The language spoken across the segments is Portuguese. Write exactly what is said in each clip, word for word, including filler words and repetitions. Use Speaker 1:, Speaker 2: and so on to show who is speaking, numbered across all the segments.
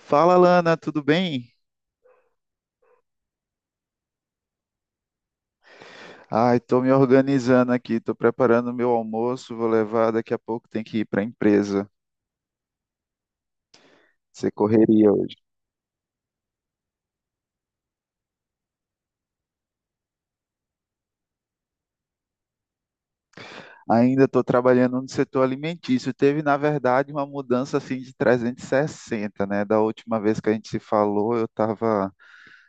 Speaker 1: Fala, Lana, tudo bem? Ai, tô me organizando aqui, tô preparando meu almoço, vou levar, daqui a pouco tem que ir para a empresa. Você correria hoje. Ainda estou trabalhando no setor alimentício. Teve, na verdade, uma mudança assim de trezentos e sessenta, né? Da última vez que a gente se falou, eu estava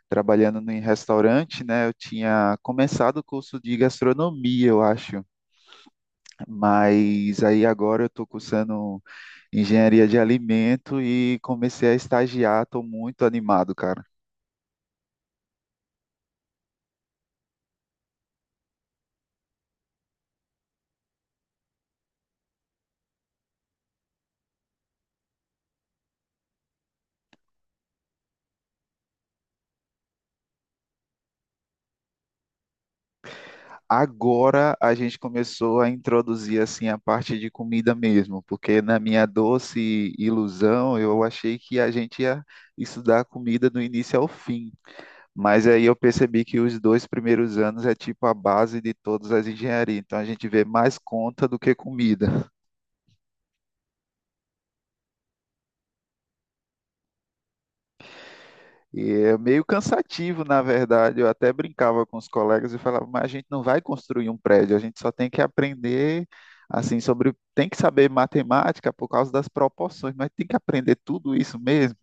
Speaker 1: trabalhando em restaurante, né? Eu tinha começado o curso de gastronomia, eu acho, mas aí agora eu estou cursando engenharia de alimento e comecei a estagiar. Estou muito animado, cara. Agora a gente começou a introduzir assim a parte de comida mesmo, porque na minha doce ilusão eu achei que a gente ia estudar comida do início ao fim. Mas aí eu percebi que os dois primeiros anos é tipo a base de todas as engenharias. Então a gente vê mais conta do que comida. E é meio cansativo, na verdade. Eu até brincava com os colegas e falava, mas a gente não vai construir um prédio, a gente só tem que aprender assim sobre, tem que saber matemática por causa das proporções, mas tem que aprender tudo isso mesmo.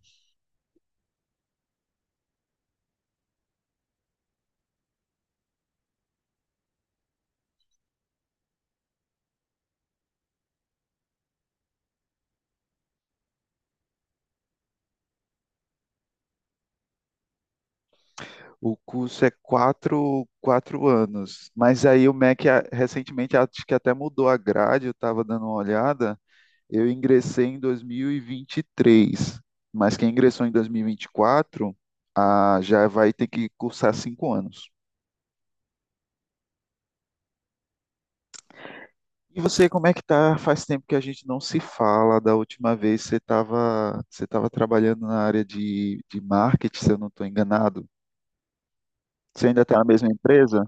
Speaker 1: O curso é quatro, quatro anos, mas aí o MEC a- recentemente acho que até mudou a grade, eu estava dando uma olhada. Eu ingressei em dois mil e vinte e três, mas quem ingressou em dois mil e vinte e quatro ah, já vai ter que cursar cinco anos. E você, como é que tá? Faz tempo que a gente não se fala. Da última vez você estava você tava trabalhando na área de, de marketing, se eu não estou enganado. Você ainda está na mesma empresa?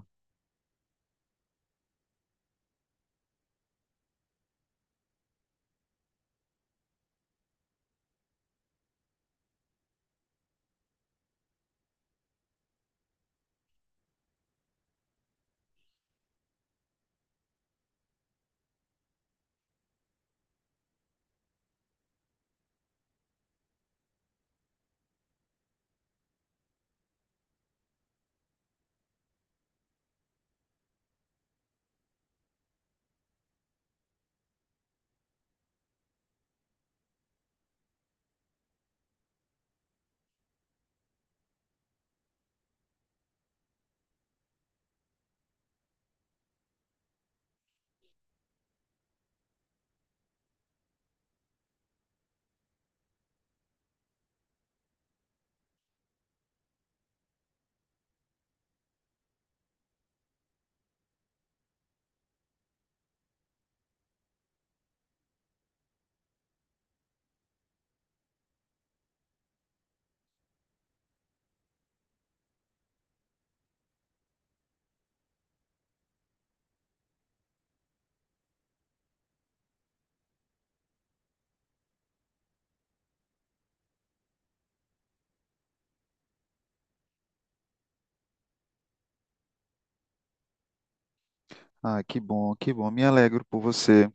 Speaker 1: Ah, que bom, que bom. Me alegro por você.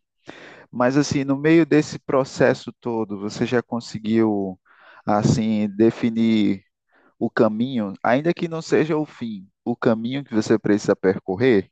Speaker 1: Mas assim, no meio desse processo todo, você já conseguiu assim definir o caminho, ainda que não seja o fim, o caminho que você precisa percorrer?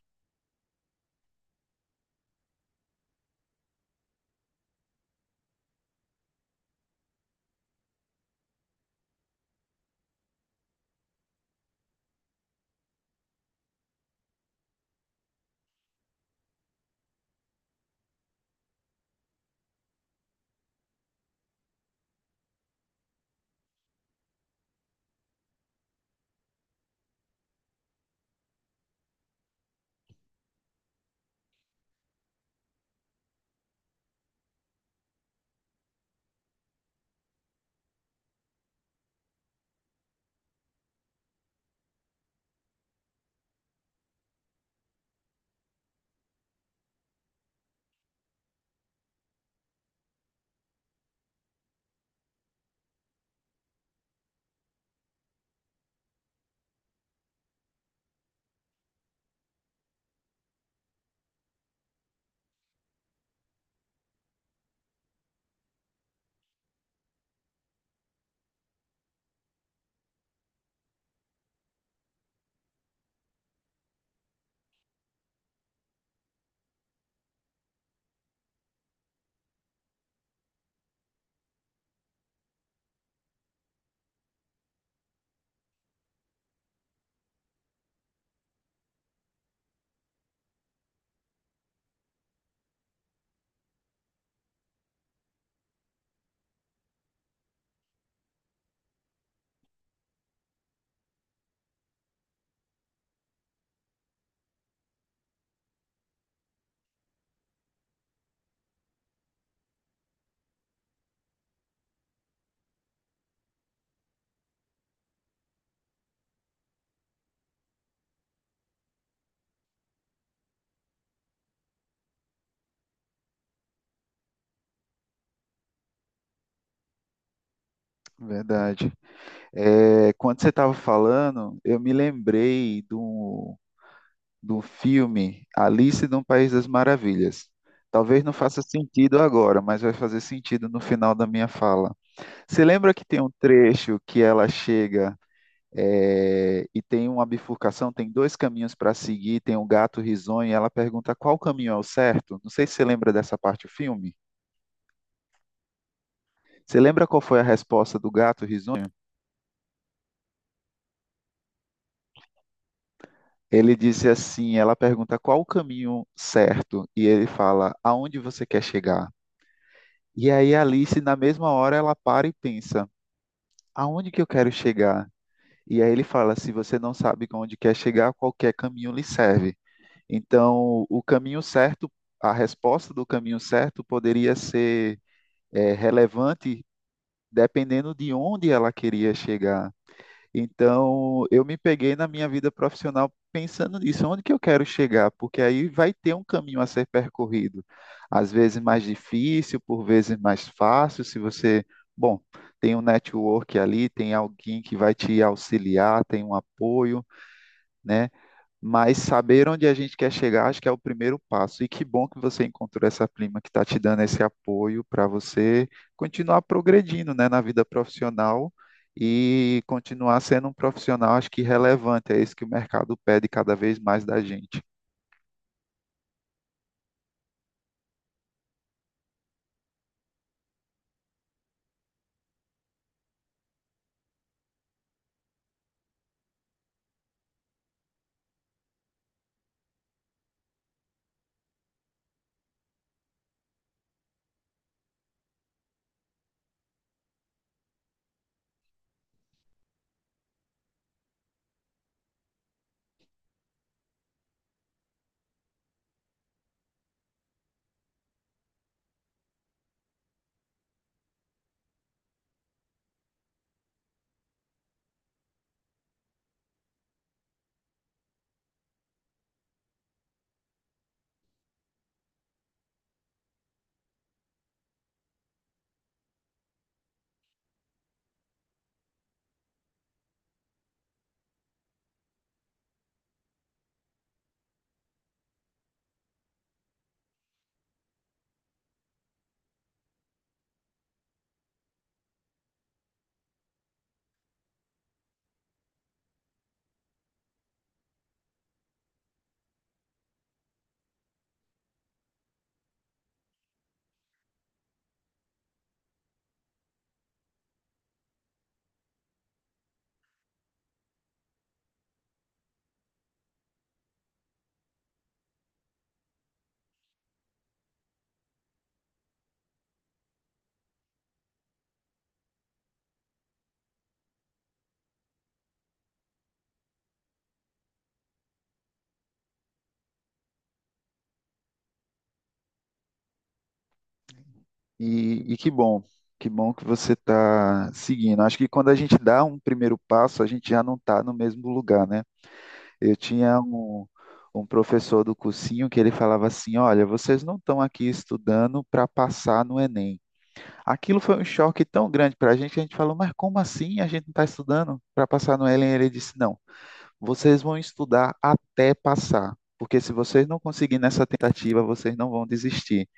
Speaker 1: Verdade. É, quando você estava falando, eu me lembrei de um do filme Alice no País das Maravilhas. Talvez não faça sentido agora, mas vai fazer sentido no final da minha fala. Você lembra que tem um trecho que ela chega eh, e tem uma bifurcação, tem dois caminhos para seguir, tem um gato risonho e ela pergunta qual caminho é o certo? Não sei se você lembra dessa parte do filme. Você lembra qual foi a resposta do gato risonho? Ele disse assim, ela pergunta qual o caminho certo e ele fala, aonde você quer chegar? E aí a Alice, na mesma hora, ela para e pensa: aonde que eu quero chegar? E aí ele fala: se você não sabe onde quer chegar, qualquer caminho lhe serve. Então, o caminho certo, a resposta do caminho certo poderia ser é, relevante dependendo de onde ela queria chegar. Então, eu me peguei na minha vida profissional pensando nisso, onde que eu quero chegar? Porque aí vai ter um caminho a ser percorrido, às vezes mais difícil, por vezes mais fácil, se você, bom, tem um network ali, tem alguém que vai te auxiliar, tem um apoio, né? Mas saber onde a gente quer chegar, acho que é o primeiro passo. E que bom que você encontrou essa prima que está te dando esse apoio para você continuar progredindo, né, na vida profissional e continuar sendo um profissional, acho que relevante. É isso que o mercado pede cada vez mais da gente. E, e que bom, que bom que você está seguindo. Acho que quando a gente dá um primeiro passo, a gente já não está no mesmo lugar, né? Eu tinha um, um professor do cursinho que ele falava assim: Olha, vocês não estão aqui estudando para passar no Enem. Aquilo foi um choque tão grande para a gente que a gente falou: Mas como assim a gente não está estudando para passar no Enem? Ele disse: Não, vocês vão estudar até passar, porque se vocês não conseguirem nessa tentativa, vocês não vão desistir.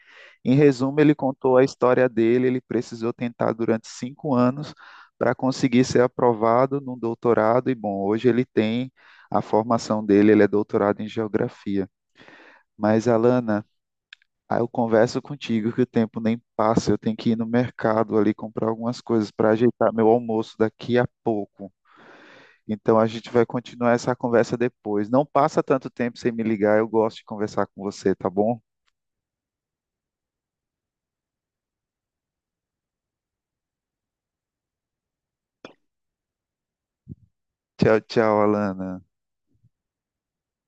Speaker 1: Em resumo, ele contou a história dele. Ele precisou tentar durante cinco anos para conseguir ser aprovado no doutorado. E bom, hoje ele tem a formação dele, ele é doutorado em geografia. Mas, Alana, aí eu converso contigo que o tempo nem passa. Eu tenho que ir no mercado ali comprar algumas coisas para ajeitar meu almoço daqui a pouco. Então a gente vai continuar essa conversa depois. Não passa tanto tempo sem me ligar, eu gosto de conversar com você, tá bom? Tchau, tchau, Alana.